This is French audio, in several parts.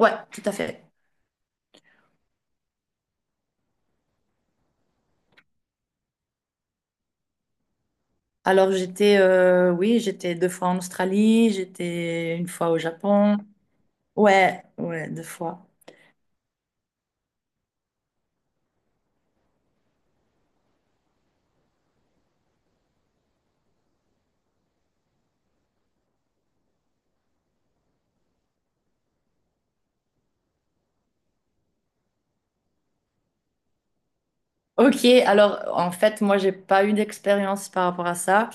Ouais, tout à fait. Alors j'étais, oui, j'étais 2 fois en Australie, j'étais 1 fois au Japon. Ouais, ouais, 2 fois. Ok, alors en fait, moi, j'ai pas eu d'expérience par rapport à ça.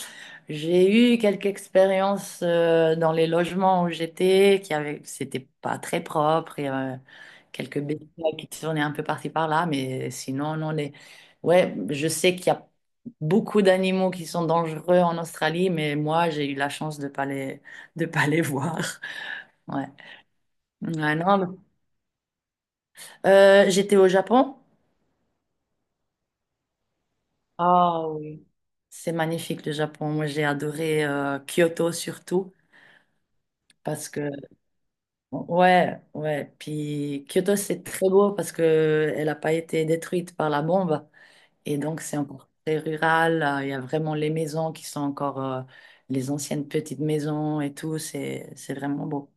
J'ai eu quelques expériences dans les logements où j'étais, qui avaient, c'était pas très propre. Quelques bétails qui tournaient un peu par-ci par-là, mais sinon, non, les... Ouais, je sais qu'il y a beaucoup d'animaux qui sont dangereux en Australie, mais moi, j'ai eu la chance de pas les voir. Ouais. Ouais, non. J'étais au Japon. Ah oui. C'est magnifique le Japon. Moi, j'ai adoré Kyoto surtout parce que ouais, ouais. Puis Kyoto, c'est très beau parce que elle n'a pas été détruite par la bombe. Et donc, c'est encore très rural. Il y a vraiment les maisons qui sont encore les anciennes petites maisons et tout. C'est vraiment beau.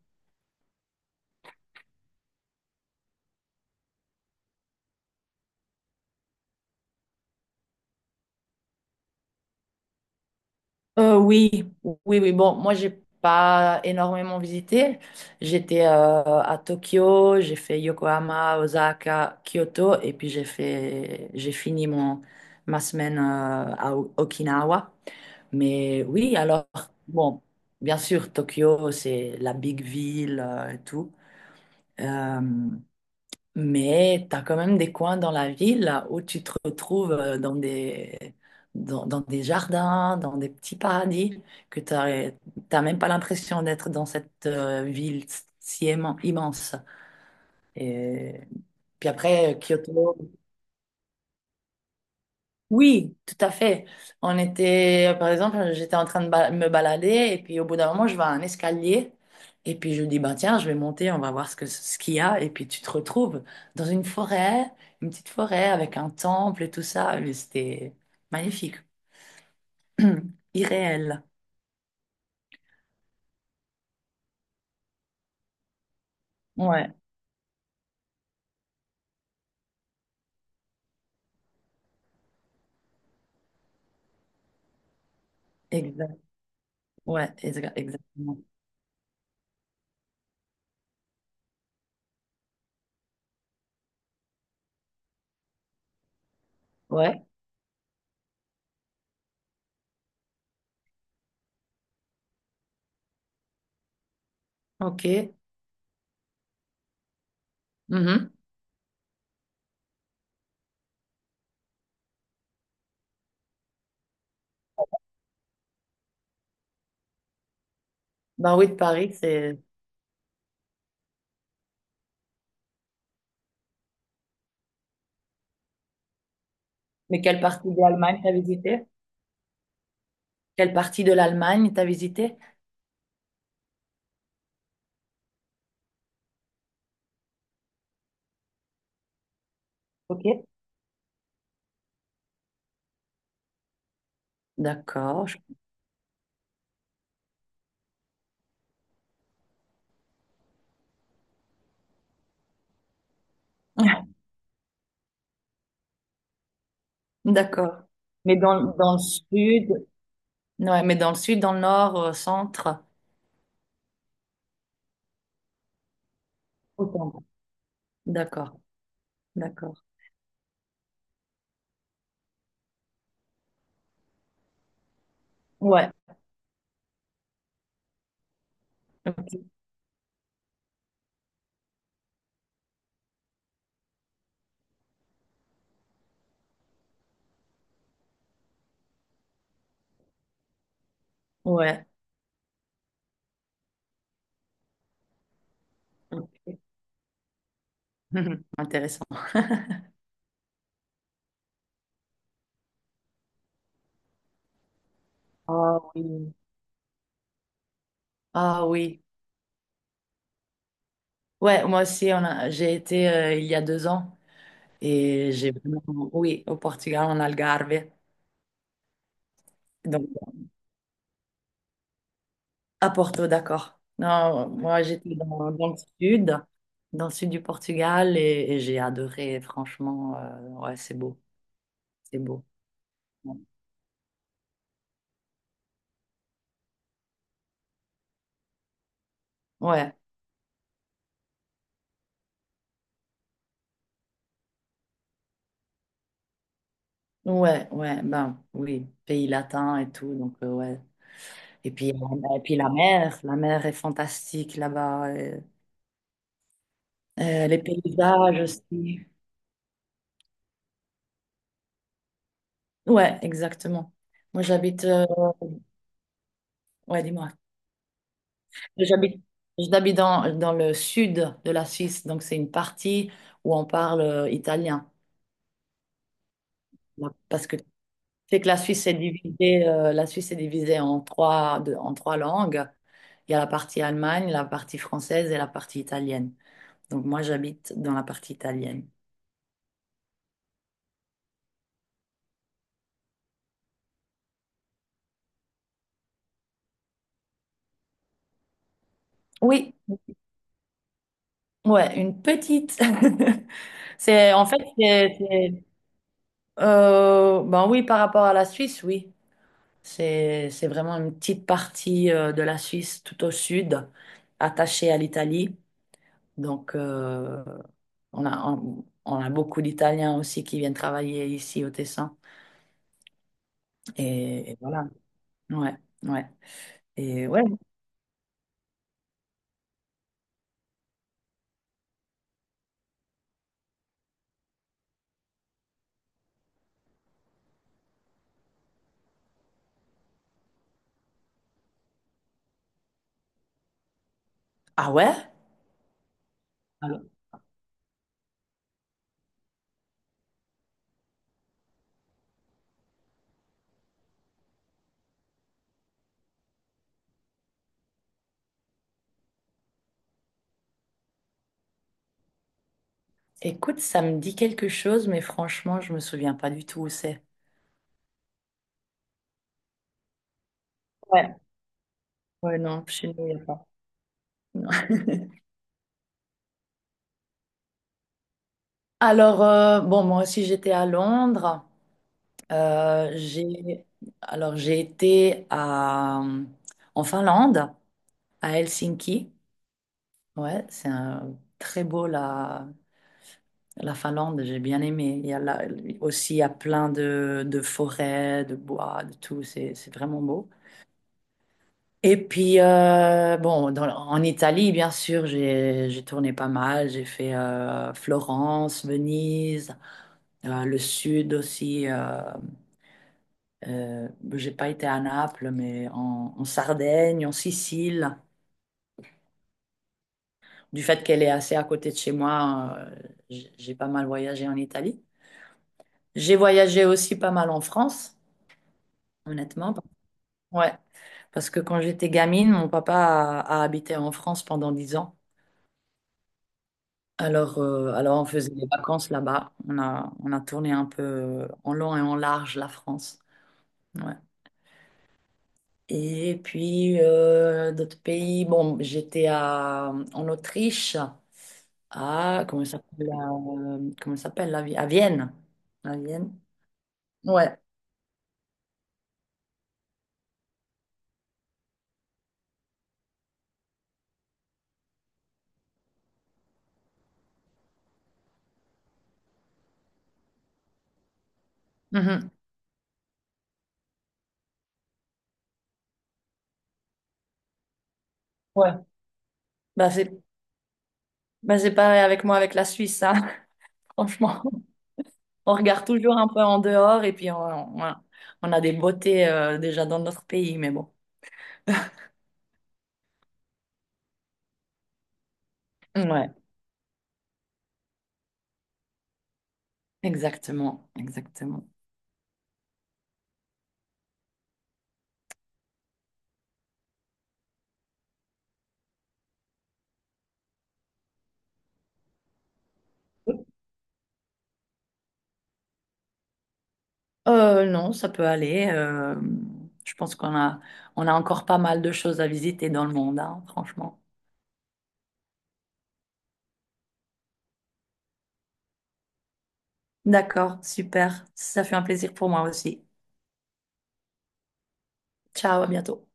Euh, oui, oui, oui. Bon, moi, j'ai pas énormément visité. J'étais à Tokyo, j'ai fait Yokohama, Osaka, Kyoto, et puis j'ai fini ma semaine à Okinawa. Mais oui, alors, bon, bien sûr, Tokyo, c'est la big ville et tout. Euh, Mais tu as quand même des coins dans la ville là, où tu te retrouves dans des, dans des jardins, dans des petits paradis, que tu n'as même pas l'impression d'être dans cette ville si aimant- immense. Et puis après, Kyoto. Oui, tout à fait. On était, par exemple, j'étais en train de me balader et puis au bout d'un moment, je vois un escalier et puis je dis, bah tiens, je vais monter, on va voir ce qu'il y a. Et puis tu te retrouves dans une forêt, une petite forêt avec un temple et tout ça. Mais c'était magnifique, irréel. Ouais, exact. Ouais, exactement. Ouais, ok. Mhm. Ben oui, de Paris, c'est. Mais Quelle partie de l'Allemagne t'as visité? Ok. D'accord. D'accord. Mais dans le sud, ouais, mais dans le sud, dans le nord, au centre, autant. D'accord, d'accord. Ouais, ok, ouais, ok. Intéressant. Ah oui. Ah oui. Ouais, moi aussi, j'ai été il y a 2 ans et j'ai vraiment, oui, au Portugal, en Algarve, donc à Porto, d'accord. Non, moi j'étais dans, dans le sud du Portugal et j'ai adoré, franchement, ouais, c'est beau, c'est beau. Ouais, ouais, ben oui, pays latin et tout, donc ouais. Et puis la mer est fantastique là-bas, les paysages aussi. Ouais, exactement. Moi j'habite, ouais, dis-moi, j'habite, j'habite dans, dans le sud de la Suisse, donc c'est une partie où on parle italien. Là, parce que c'est que la Suisse est divisée, la Suisse est divisée en 3, en 3 langues. Il y a la partie Allemagne, la partie française et la partie italienne. Donc moi, j'habite dans la partie italienne. Oui, ouais, une petite. C'est en fait, C'est- ben oui, par rapport à la Suisse, oui, c'est vraiment une petite partie de la Suisse tout au sud, attachée à l'Italie. Donc on a beaucoup d'Italiens aussi qui viennent travailler ici au Tessin. Et voilà, ouais, ouais, et ouais. Ah ouais? Écoute, ça me dit quelque chose, mais franchement, je me souviens pas du tout où c'est. Ouais. Ouais, non, chez nous, il n'y a pas. Non. Alors, bon, moi aussi, j'étais à Londres. J'ai, alors, j'ai été à, en Finlande, à Helsinki. Ouais, très beau, la, la Finlande, j'ai bien aimé. Il y a là, aussi, il y a plein de forêts, de bois, de tout. C'est vraiment beau. Et puis, bon, en Italie, bien sûr, j'ai tourné pas mal. J'ai fait Florence, Venise, le sud aussi. Euh, j'ai pas été à Naples, mais en, en Sardaigne, en Sicile. Du fait qu'elle est assez à côté de chez moi, j'ai pas mal voyagé en Italie. J'ai voyagé aussi pas mal en France, honnêtement. Ouais, parce que quand j'étais gamine, mon papa a habité en France pendant 10 ans. Alors, on faisait des vacances là-bas. On a tourné un peu en long et en large la France. Ouais. Et puis, d'autres pays. Bon, j'étais à, en Autriche, à, comment ça s'appelle, la, à Vienne. À Vienne. Ouais. Mhm. Ouais. Bah, c'est, bah, c'est pareil avec moi, avec la Suisse, hein. Franchement, on regarde toujours un peu en dehors et puis on a des beautés, déjà dans notre pays, mais bon. Ouais. Exactement, exactement. Non, ça peut aller. Je pense qu'on a, on a encore pas mal de choses à visiter dans le monde, hein, franchement. D'accord, super. Ça fait un plaisir pour moi aussi. Ciao, à bientôt.